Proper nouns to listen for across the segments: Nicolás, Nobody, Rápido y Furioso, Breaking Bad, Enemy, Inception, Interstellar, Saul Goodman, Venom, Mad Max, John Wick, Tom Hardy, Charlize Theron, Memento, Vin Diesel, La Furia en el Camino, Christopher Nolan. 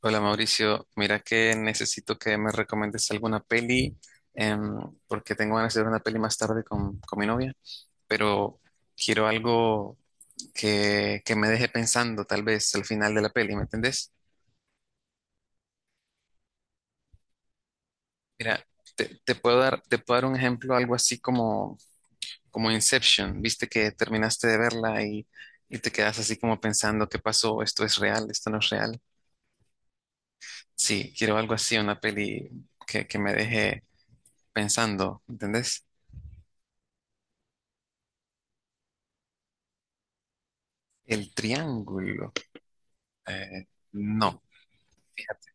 Hola Mauricio, mira que necesito que me recomiendes alguna peli em, porque tengo ganas de ver una peli más tarde con mi novia, pero quiero algo que me deje pensando tal vez al final de la peli, ¿me entendés? Mira, te puedo dar un ejemplo, algo así como Inception, viste que terminaste de verla y te quedas así como pensando, ¿qué pasó? ¿Esto es real? ¿Esto no es real? Sí, quiero algo así, una peli que me deje pensando, ¿entendés? El triángulo. Eh, no, fíjate,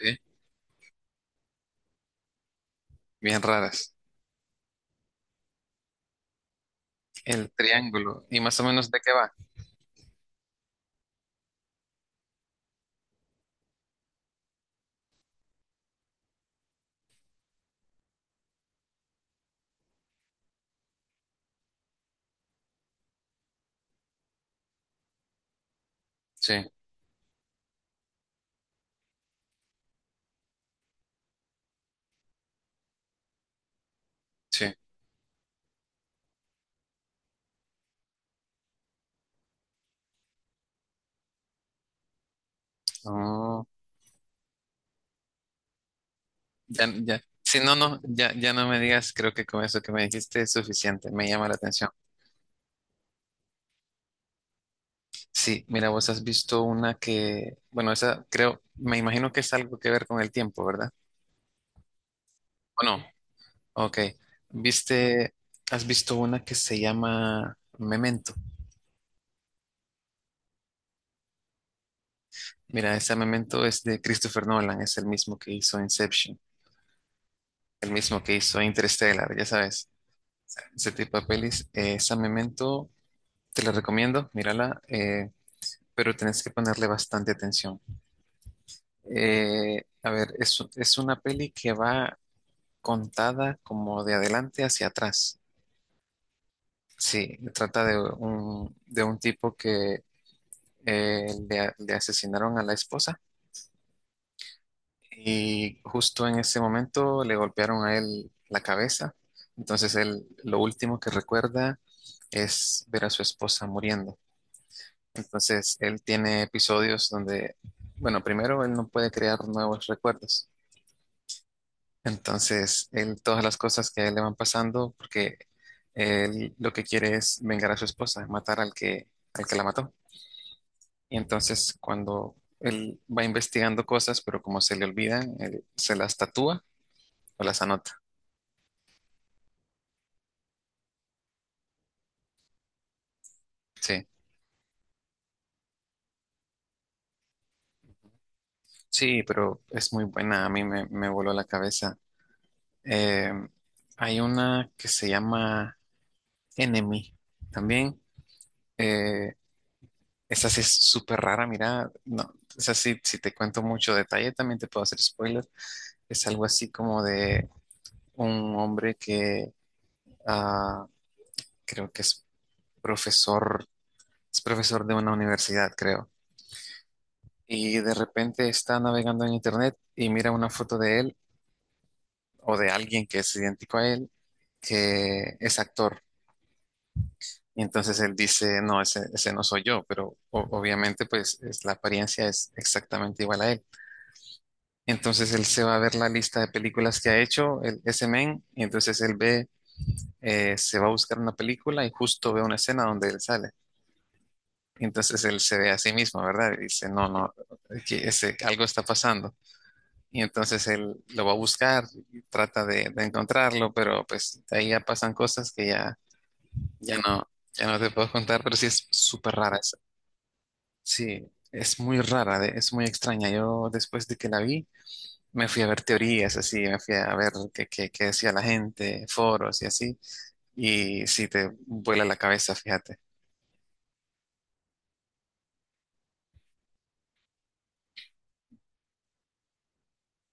¿eh? Bien raras. El triángulo. ¿Y más o menos de qué va? Sí, sí. Oh, ya, ya. Si no, no, ya, ya no me digas, creo que con eso que me dijiste es suficiente, me llama la atención. Sí, mira, vos has visto una que, bueno, esa creo, me imagino que es algo que ver con el tiempo, ¿verdad? ¿O no? Ok. ¿Viste, has visto una que se llama Memento? Mira, esa Memento es de Christopher Nolan, es el mismo que hizo Inception. El mismo que hizo Interstellar, ya sabes, ese tipo de pelis. Esa Memento, te la recomiendo, mírala, pero tenés que ponerle bastante atención. A ver, es una peli que va contada como de adelante hacia atrás. Sí, trata de un tipo que le asesinaron a la esposa. Y justo en ese momento le golpearon a él la cabeza. Entonces él lo último que recuerda es ver a su esposa muriendo. Entonces él tiene episodios donde, bueno, primero él no puede crear nuevos recuerdos. Entonces él, todas las cosas que a él le van pasando, porque él lo que quiere es vengar a su esposa, matar al que la mató. Y entonces cuando él va investigando cosas, pero como se le olvidan, él se las tatúa o las anota. Sí. Sí, pero es muy buena, a me voló la cabeza. Eh, hay una que se llama Enemy también. Eh, esa sí es súper rara, mira, no, esa sí, si te cuento mucho detalle también te puedo hacer spoiler. Es algo así como de un hombre que ah, creo que profesor, es profesor de una universidad, creo. Y de repente está navegando en internet y mira una foto de él o de alguien que es idéntico a él, que es actor. Y entonces él dice, no, ese no soy yo, pero obviamente pues la apariencia es exactamente igual a él. Entonces él se va a ver la lista de películas que ha hecho el, ese men, y entonces él ve, se va a buscar una película y justo ve una escena donde él sale. Y entonces él se ve a sí mismo, ¿verdad? Y dice, no, no, que ese, algo está pasando. Y entonces él lo va a buscar, y trata de encontrarlo, pero pues ahí ya pasan cosas que ya. Ya no, ya no te puedo contar, pero sí es súper rara esa. Sí, es muy rara, es muy extraña. Yo después de que la vi, me fui a ver teorías, así, me fui a ver qué decía la gente, foros y así. Y sí, te vuela la cabeza, fíjate.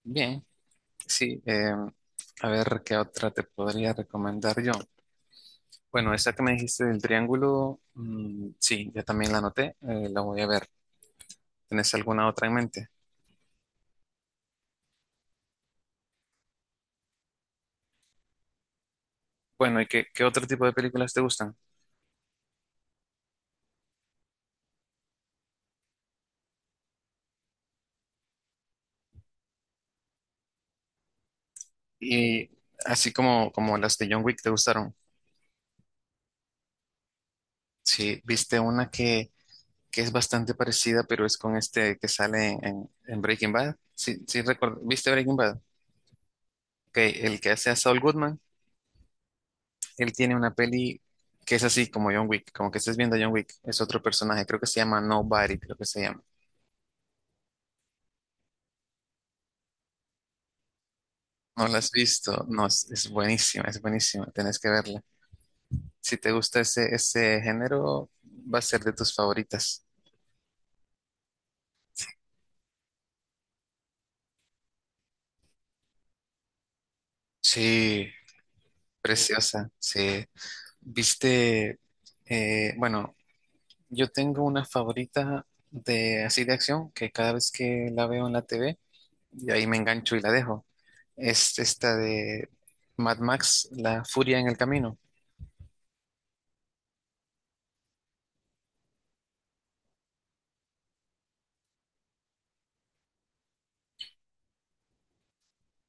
Bien, sí. A ver, ¿qué otra te podría recomendar yo? Bueno, esa que me dijiste del triángulo, mm, sí, ya también la anoté, la voy a ver. ¿Tienes alguna otra en mente? Bueno, ¿y qué otro tipo de películas te gustan? Y como las de John Wick te gustaron. Sí, viste una que es bastante parecida, pero es con este que sale en Breaking Bad. Sí, sí, recuerdo. ¿Viste Breaking Bad? Ok, el que hace a Saul Goodman, él tiene una peli que es así como John Wick, como que estés viendo a John Wick. Es otro personaje, creo que se llama Nobody, creo que se llama. ¿No la has visto? No, es buenísima, tenés que verla. Si te gusta ese género, va a ser de tus favoritas. Sí, preciosa, sí. Viste, eh, bueno, yo tengo una favorita de así de acción que cada vez que la veo en la TV, y ahí me engancho y la dejo. Es esta de Mad Max, La Furia en el Camino.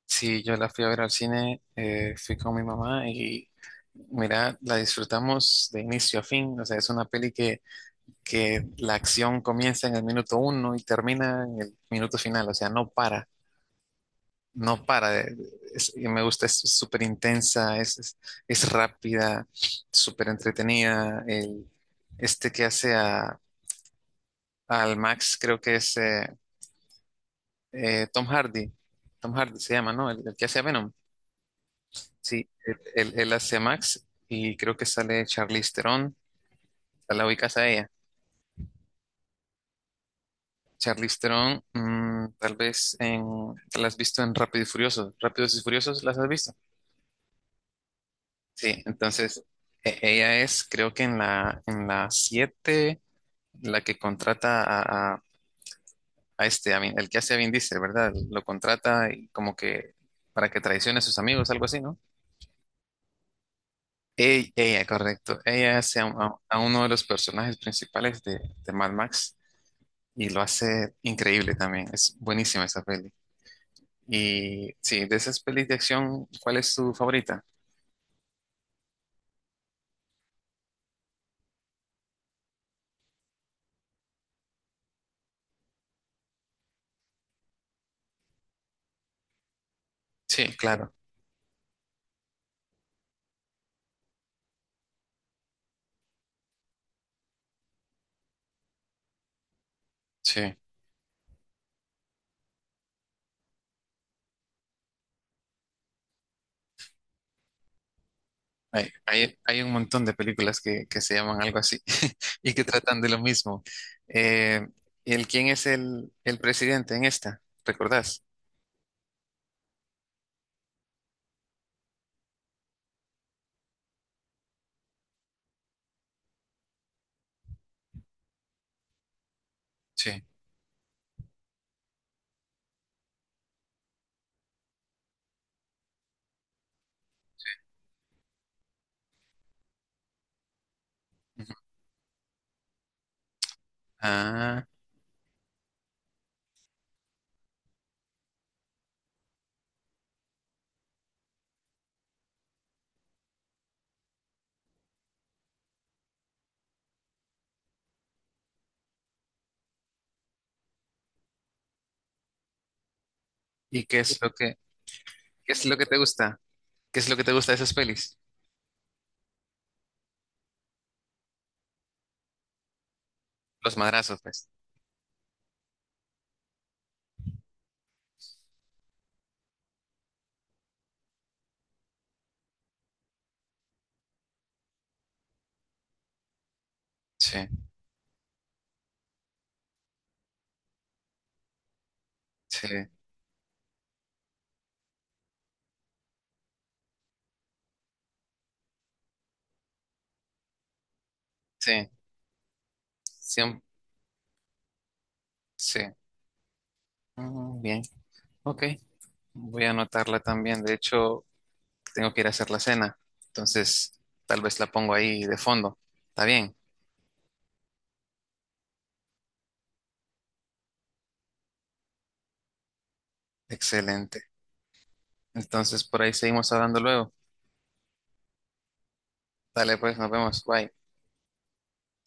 Sí, yo la fui a ver al cine, fui con mi mamá y mira, la disfrutamos de inicio a fin. O sea, es una peli que la acción comienza en el minuto uno y termina en el minuto final, o sea, no para. No para. Y me gusta, es súper intensa, es rápida, súper entretenida. Este que hace al Max, creo que es Tom Hardy. Tom Hardy se llama, ¿no? El que hace a Venom. Sí, él, él hace a Max y creo que sale Charlize Theron. La ubicas a ella. Charlize Theron, mm, tal vez en, la has visto en Rápido y Furioso. ¿Rápidos y Furiosos las has visto? Sí, entonces ella es, creo que en la 7 la que contrata a este, el que hace a Vin Diesel, ¿verdad? Lo contrata y como que para que traicione a sus amigos, algo así, ¿no? Ella, correcto. Ella hace a uno de los personajes principales de Mad Max y lo hace increíble también. Es buenísima esa peli. Y sí, de esas pelis de acción, ¿cuál es tu favorita? Sí, claro. Sí. Hay un montón de películas que se llaman algo así y que tratan de lo mismo. Eh, ¿El quién es el presidente en esta? ¿Recordás? Sí. Ujú. Ah, ¿y qué es lo qué es lo que te gusta? ¿Qué es lo que te gusta de esas pelis? Los madrazos, pues. Sí, sí, sí, siem- sí. Mm, bien, ok. Voy a anotarla también. De hecho, tengo que ir a hacer la cena. Entonces, tal vez la pongo ahí de fondo. ¿Está bien? Excelente. Entonces por ahí seguimos hablando luego. Dale pues, nos vemos. Bye.